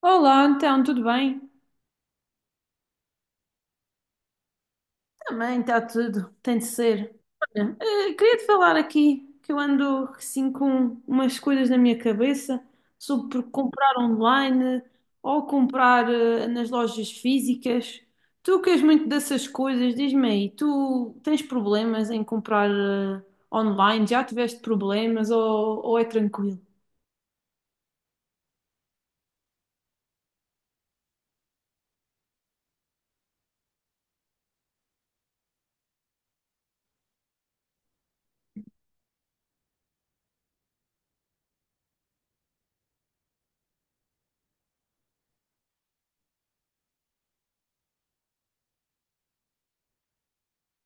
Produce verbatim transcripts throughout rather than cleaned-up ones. Olá, então, tudo bem? Também está tudo, tem de ser. Olha, eh, queria te falar aqui que eu ando assim com umas coisas na minha cabeça sobre comprar online ou comprar eh, nas lojas físicas. Tu que és muito dessas coisas, diz-me aí, tu tens problemas em comprar eh, online? Já tiveste problemas ou, ou é tranquilo?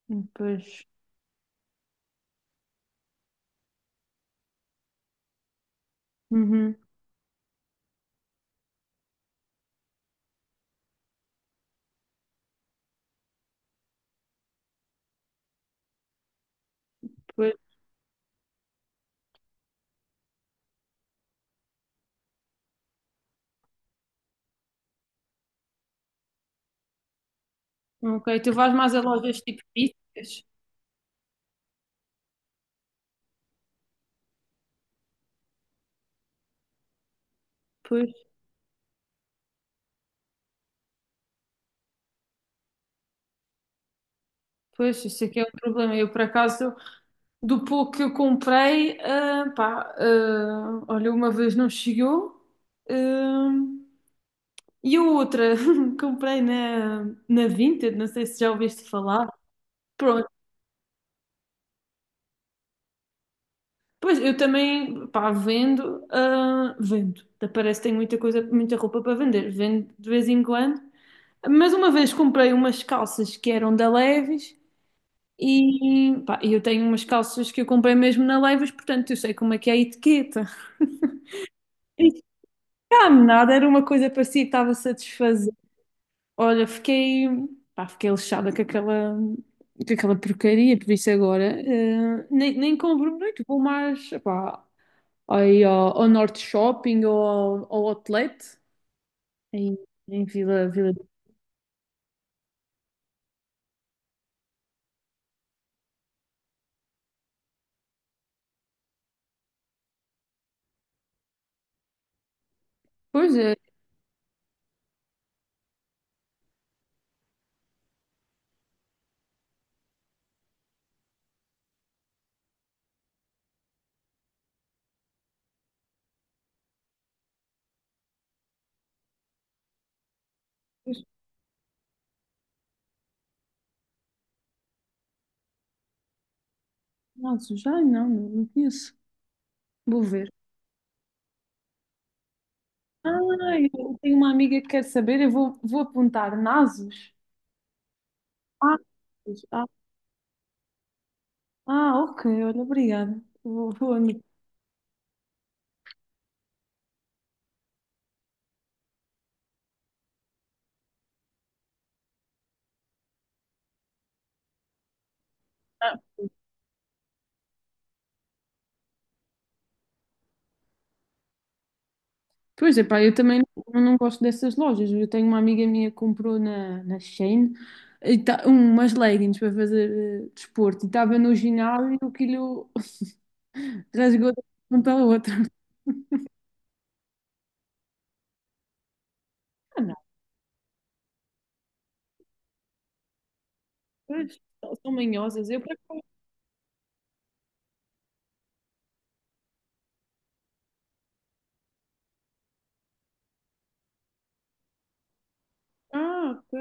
Hum, Pois, uhum, pois, ok. Tu vais mais a lojas tipo físicas? Pois. Pois, isso aqui é um problema. Eu, por acaso, do pouco que eu comprei, ah, pá, ah, olha, uma vez não chegou, ah, e a outra comprei na, na Vinted, não sei se já ouviste falar. Pronto, pois eu também, pá, vendo, ah, vendo. Até parece que tenho muita coisa, muita roupa para vender, vendo de vez em quando. Mas uma vez comprei umas calças que eram da Levi's. E pá, eu tenho umas calças que eu comprei mesmo na Levi's, portanto eu sei como é que é a etiqueta. E cá nada, era uma coisa parecida, estava-se a desfazer. Olha, fiquei, pá, Fiquei lixada com aquela, com aquela porcaria, por isso agora eh, nem, nem compro muito, vou mais pá, aí ao, ao Norte Shopping ou ao, ao Outlet em, em Vila, Vila. Pois é, nossa, já não, não não conheço. Vou ver. Ah, eu tenho uma amiga que quer saber, eu vou, vou apontar Nasos. Ah, ah, ah, ok, olha, obrigada. Vou, vou anotar. Pois é, pá, eu também não, não gosto dessas lojas. Eu tenho uma amiga minha que comprou na, na Shein e tá, umas leggings para fazer eh, desporto e estava no ginásio e aquilo rasgou de uma ponta à outra. Ah, não, Pois, são manhosas. Eu por acaso. Ah, ok.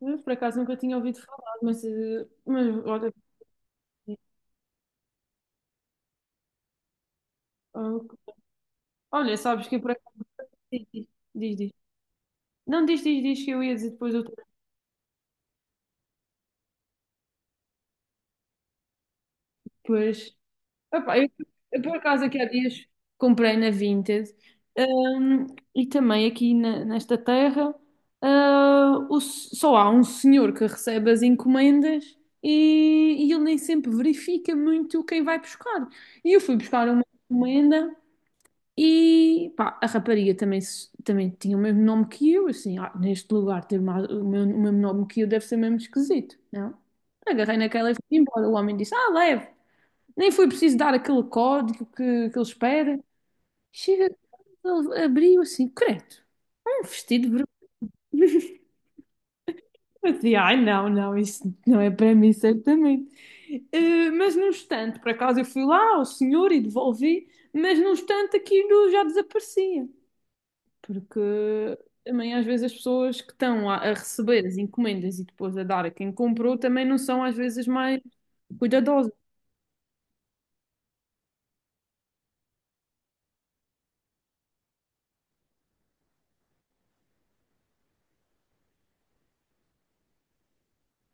Eu por acaso nunca tinha ouvido falar, mas, eh, mas olha, ah, olha, sabes que eu por acaso. Diz, diz, Diz. Diz. Não, diz, diz, diz que eu ia dizer depois outra. Pois. Epá, eu, eu por acaso aqui há dias comprei na Vinted, hum, e também aqui na- nesta terra, ah, o s- só há um senhor que recebe as encomendas e, e ele nem sempre verifica muito quem vai buscar. E eu fui buscar uma encomenda e pá, a rapariga também, se- também tinha o mesmo nome que eu, assim, "Ah, neste lugar ter mais- o, meu- o mesmo nome que eu deve ser mesmo esquisito, não? Agarrei naquela e fui embora. O homem disse, ah, leve. Nem foi preciso dar aquele código que, que ele espera. Chega, ele abriu assim, credo, um vestido vermelho. Eu dizia, ai não, não, isso não é para mim, certamente. Eh, mas no instante, por acaso eu fui lá ao senhor e devolvi, mas no instante aquilo já desaparecia. Porque também às vezes as pessoas que estão a, a receber as encomendas e depois a dar a quem comprou também não são às vezes mais cuidadosas.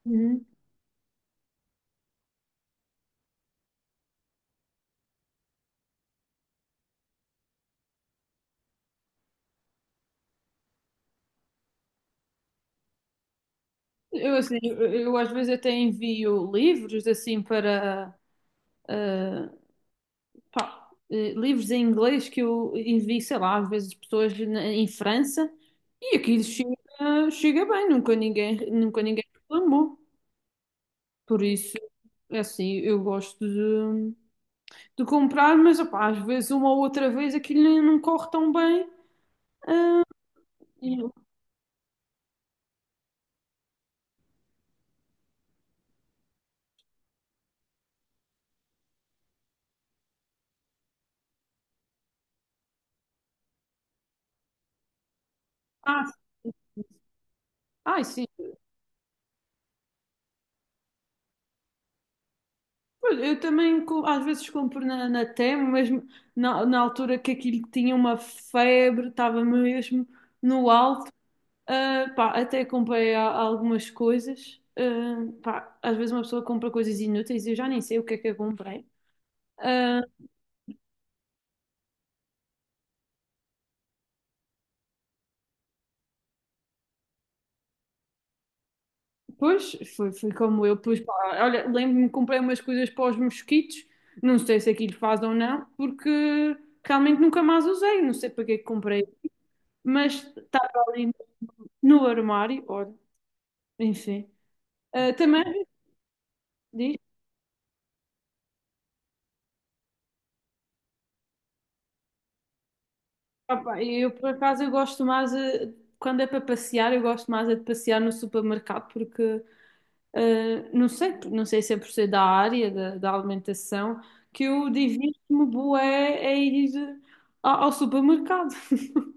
Uhum. Eu, assim, eu, eu às vezes até envio livros assim para ah, pá, eh, livros em inglês que eu envio, sei lá, às vezes pessoas na- em França e aquilo chega, chega bem, nunca ninguém, nunca ninguém reclamou. Por isso, é assim, eu gosto de, de comprar, mas opá, às vezes uma ou outra vez aquilo nem- não corre tão bem. E eu, ah, ai, sim, olha, eu também co- às vezes compro na, na Temo, mesmo na, na altura que aquilo tinha uma febre, estava mesmo no alto. Ah, pá, até comprei a- algumas coisas. Ah, pá, às vezes uma pessoa compra coisas inúteis e eu já nem sei o que é que eu comprei. Ah, pois, foi, foi como eu. Pois, pá, olha, lembro-me que comprei umas coisas para os mosquitos, não sei se aquilo faz ou não, porque realmente nunca mais usei, não sei para que é que comprei, mas estava ali no armário, olha, enfim. Ah, também diz, opa, eu por acaso eu gosto mais eh, quando é para passear, eu gosto mais é de passear no supermercado porque eh, não sei, não sei se é por ser da área da, da alimentação que eu divirto-me bué a ir ao, ao supermercado.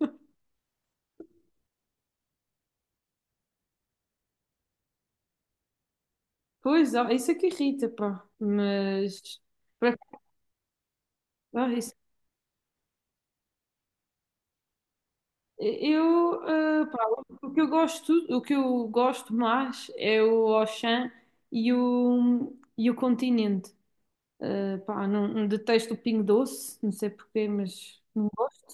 Pois, ó, isso é que irrita, pá. Mas por acaso, ó, isso- eu, eh, pá, o que eu gosto, o que eu gosto mais é o Auchan e o, e o Continente. Uh, pá, não, detesto o Pingo Doce, não sei porquê, mas não gosto.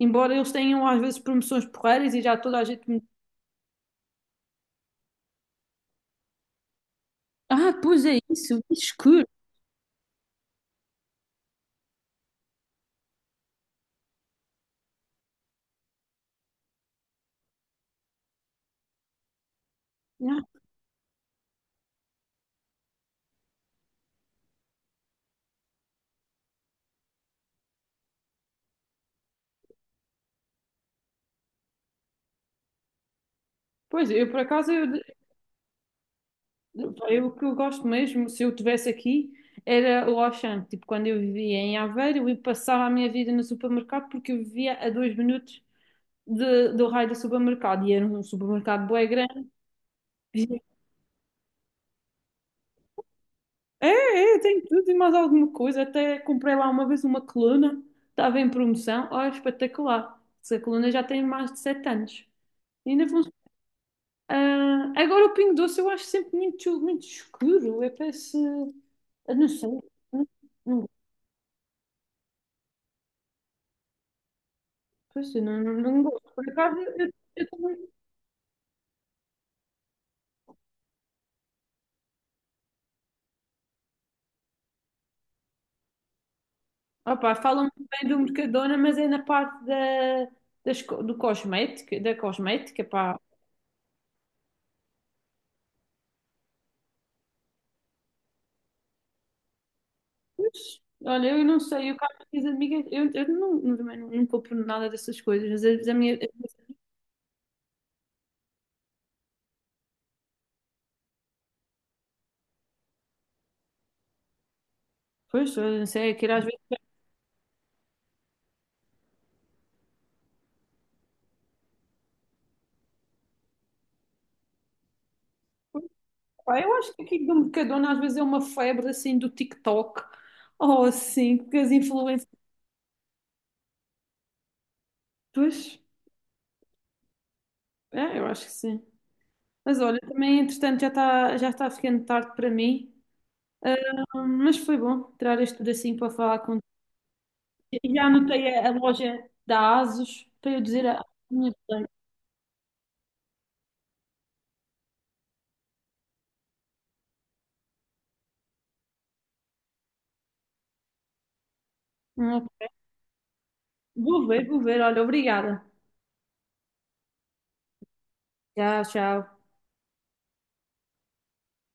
Embora eles tenham às vezes promoções porreiras e já toda a gente me... Ah, pois é isso, que escuro. Ah, pois, eu por acaso, eu, eu, o que eu gosto mesmo, se eu estivesse aqui, era o Auchan. Tipo, quando eu vivia em Aveiro, eu passava a minha vida no supermercado porque eu vivia a dois minutos de- do raio do supermercado. E era um supermercado bué grande. É, É, tem tudo e mais alguma coisa. Até comprei lá uma vez uma coluna, estava em promoção. Olha, espetacular. Essa coluna já tem mais de sete anos. E ainda funciona. Ah, agora o Pingo Doce eu acho sempre muito, muito escuro. Eu parece. Eu não sei. Não, não, Pois, eu não, não, não gosto. Por acaso eu, eu também. Opa, falam muito bem do Mercadona, mas é na parte da, das co- do cosmético, da cosmética, pá. Pois, olha, eu não sei, eu cá com as minhas amigas, eu, eu não, não, também não, não compro nada dessas coisas, mas às vezes a minha, pois, eu não sei, aquilo às vezes, pá, eu acho que aquilo do Mercadona às vezes é uma febre assim do TikTok, ou assim, que as influências, pois, é, eu acho que sim. Mas olha, também entretanto já está já está ficando tarde para mim, ah, mas foi bom tirar isto tudo assim para falar contigo. E já anotei a, a loja da A S U S para eu dizer a, a minha. Colega. Vou ver, vou ver, olha, obrigada. Tchau, tchau.